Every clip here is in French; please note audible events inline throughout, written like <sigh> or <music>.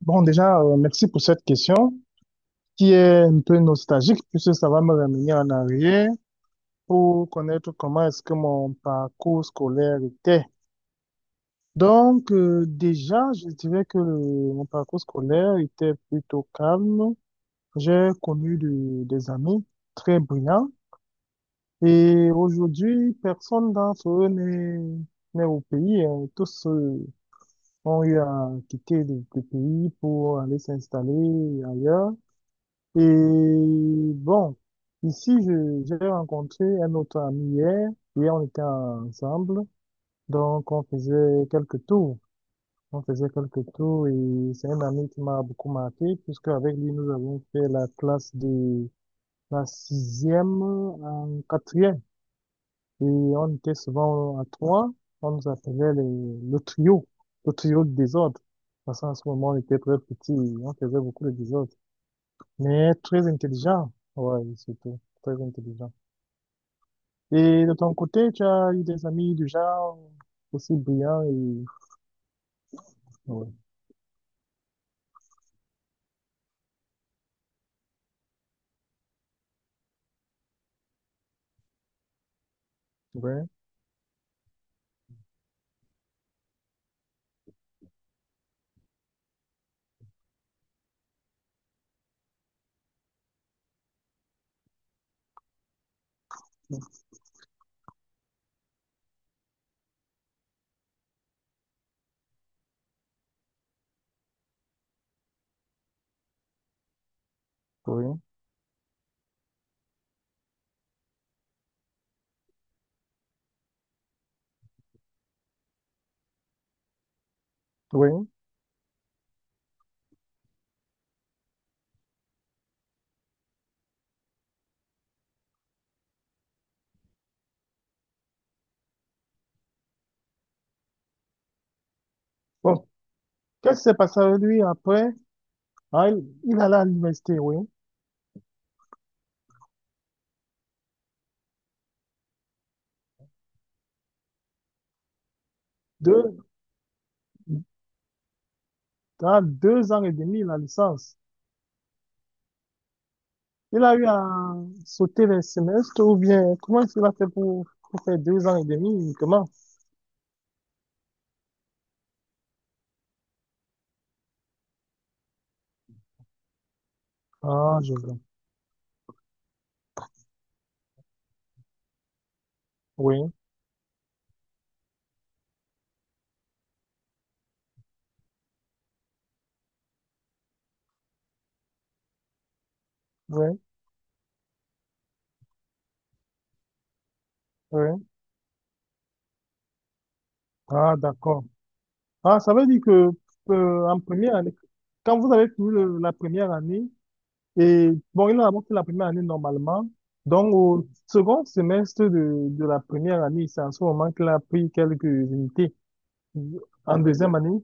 Bon, déjà, merci pour cette question qui est un peu nostalgique puisque ça va me ramener en arrière pour connaître comment est-ce que mon parcours scolaire était. Donc, déjà, je dirais que mon parcours scolaire était plutôt calme. J'ai connu des amis très brillants et aujourd'hui, personne d'entre eux n'est au pays, hein. Tous, ont eu à quitter le pays pour aller s'installer ailleurs. Et bon, ici, j'ai rencontré un autre ami hier. Hier, on était ensemble. Donc, on faisait quelques tours. On faisait quelques tours et c'est un ami qui m'a beaucoup marqué puisque avec lui, nous avons fait la classe de la sixième en quatrième. Et on était souvent à trois. On nous appelait le trio de désordre. Parce qu'en ce moment, on était très petits, et on faisait beaucoup de désordre. Mais très intelligent. Ouais, surtout. Très intelligent. Et de ton côté, tu as eu des amis du genre aussi brillants et... Ouais, ouais, oui, oui. Bon, qu'est-ce qui s'est passé avec lui après? Ah, il allait à l'université, oui. Deux, dans deux ans et demi, la licence. Il a eu à sauter les semestres ou bien comment est-ce qu'il a fait pour faire deux ans et demi uniquement? Ah, je vois. Oui, oui, oui. Ah, d'accord. Ah, ça veut dire que en première année, quand vous avez fini la première année, et bon, il a d'abord fait la première année normalement, donc au second semestre de la première année, c'est en ce moment qu'il a pris quelques unités en deuxième année.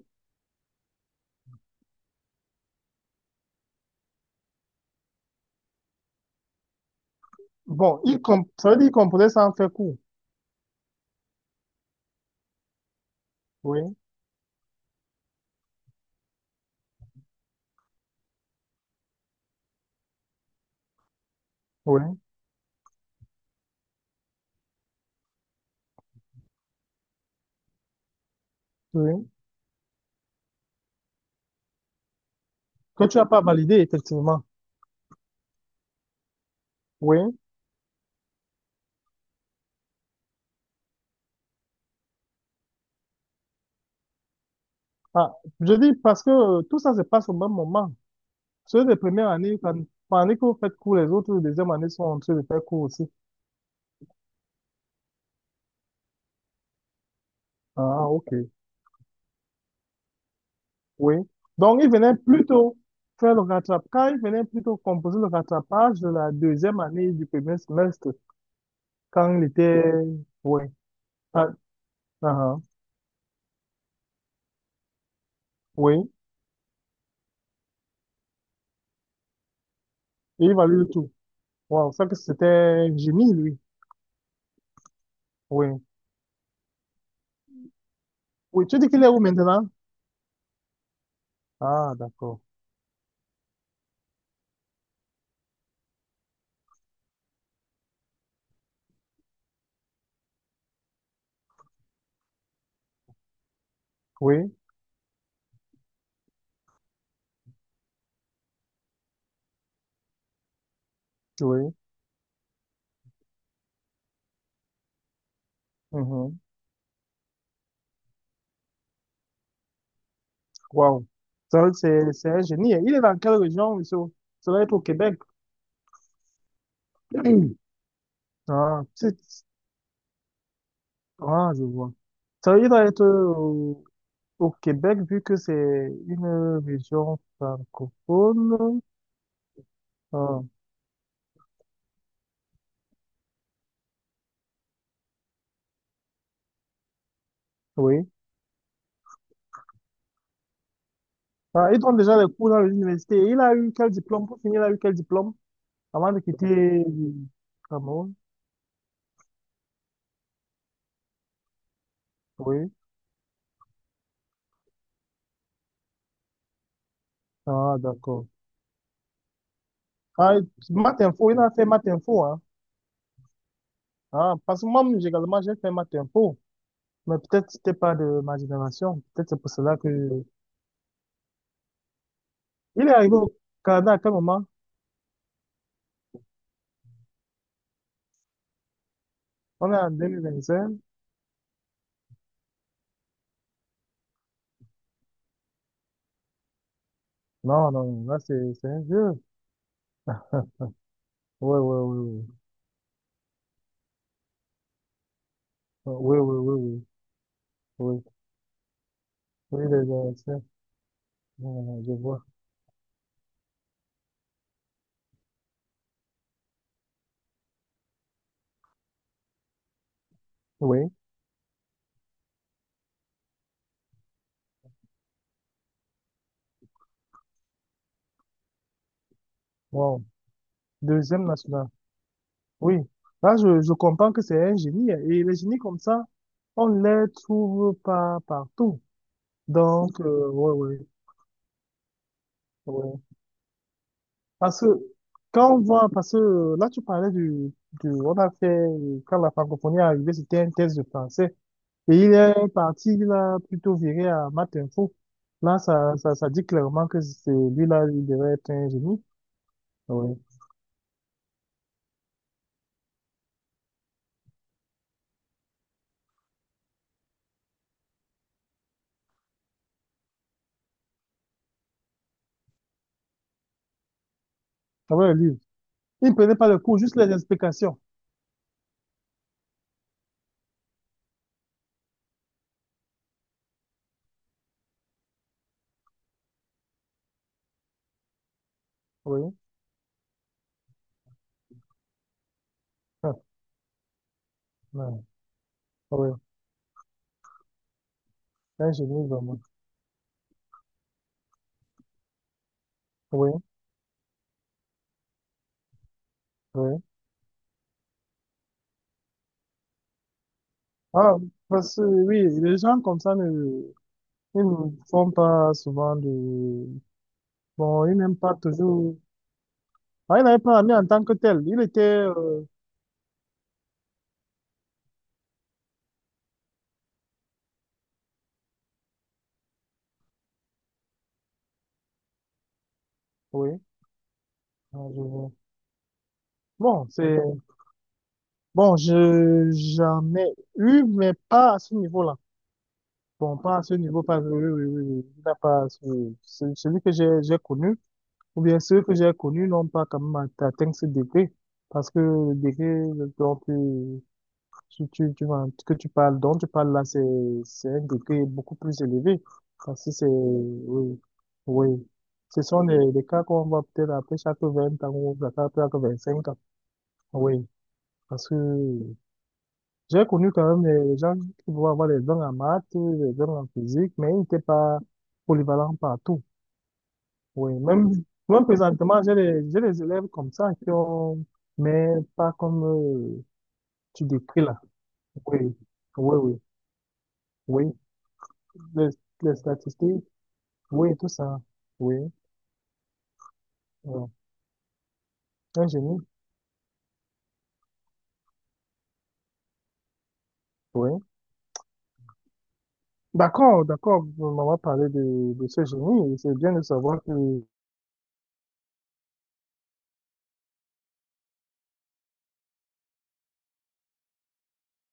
Bon, ça veut dire qu'il composait sans faire cours. Oui, oui, oui. Que tu n'as pas validé, effectivement. Oui. Ah, je dis parce que tout ça se passe au même moment. Ceux des premières années, pendant que vous faites cours, les autres les deuxième année sont en train de faire cours aussi. Ah, ok. Oui. Donc, il venait plutôt faire le rattrapage. Quand il venait plutôt composer le rattrapage de la deuxième année du premier semestre, quand il était. Oui. Ah, ah, ah, oui. Et il valait le tout. Wow, ça que c'était un génie, lui. Oui. Oui, tu dis qu'il est où maintenant? Ah, d'accord. Oui, oui. Mhm. Wow. Ça, c'est un génie. Il est dans quelle région, monsieur? Ça doit être au Québec. <clears throat> Ah, ah, je vois. Ça, il doit être au Québec, vu que c'est une région francophone, ah, oui. Ah, il donne déjà les cours dans l'université. Il a eu quel diplôme? Pour finir, il a eu quel diplôme avant de quitter le Cameroun? Oui. Ah, d'accord. Ah, maths info, il a fait maths info, hein. Ah, parce que moi, également, j'ai fait maths info. Mais peut-être c'était pas de ma génération. Peut-être c'est pour cela que... Il est arrivé au Canada à quel moment? On est en 2025? Non, non, là, c'est un vieux. Oui, oui, oui, oui. Oui, oui, oui, oui. Oui, oui, les ASF, je vois. Oui, wow. Deuxième national. Oui, là, je comprends que c'est un génie, hein. Et les génies comme ça, on ne les trouve pas partout. Donc, oui, oui, oui. Parce que quand on voit, parce que là, tu parlais du, on a fait, quand la francophonie est arrivée, c'était un test de français. Et il est parti, il a plutôt viré à maths info. Là, ça dit clairement que c'est lui-là, il devrait être un génie. Oui. Ah ouais, lui. Il ne prenait pas le cours, juste les explications. Oui. Ah, non. Oui. C'est un génie, vraiment. Oui. Oui. Ah, parce que oui, les gens comme ça ne, ils ne font pas souvent de. Bon, ils n'aiment pas toujours. Ah, il n'avait pas ami en tant que tel. Il était, oui. Ah, je vois. Bon, c'est. Bon, je j'en ai eu, mais pas à ce niveau-là. Bon, pas à ce niveau, pas. Oui, oui, oui, oui. Il n'a pas. Celui que j'ai connu. Ou bien ceux que j'ai connus n'ont pas quand même atteint ce degré, parce que le degré dont tu, tu, tu, que tu parles, dont tu parles là, c'est un degré beaucoup plus élevé. Parce que c'est, oui, oui. Ce sont des cas qu'on voit peut-être après chaque 20 ans ou après chaque 25 ans. Oui, parce que j'ai connu quand même des gens qui vont avoir des dons en maths, des dons en physique, mais ils n'étaient pas polyvalents partout. Oui, même, même présentement, j'ai des élèves comme ça qui ont, mais pas comme tu décris là. Oui, oui, oui, oui. Les, les statistiques, oui, tout ça. Oui, euh, un génie, oui. D'accord, d'accord, on va parler de ce génie. C'est bien de savoir que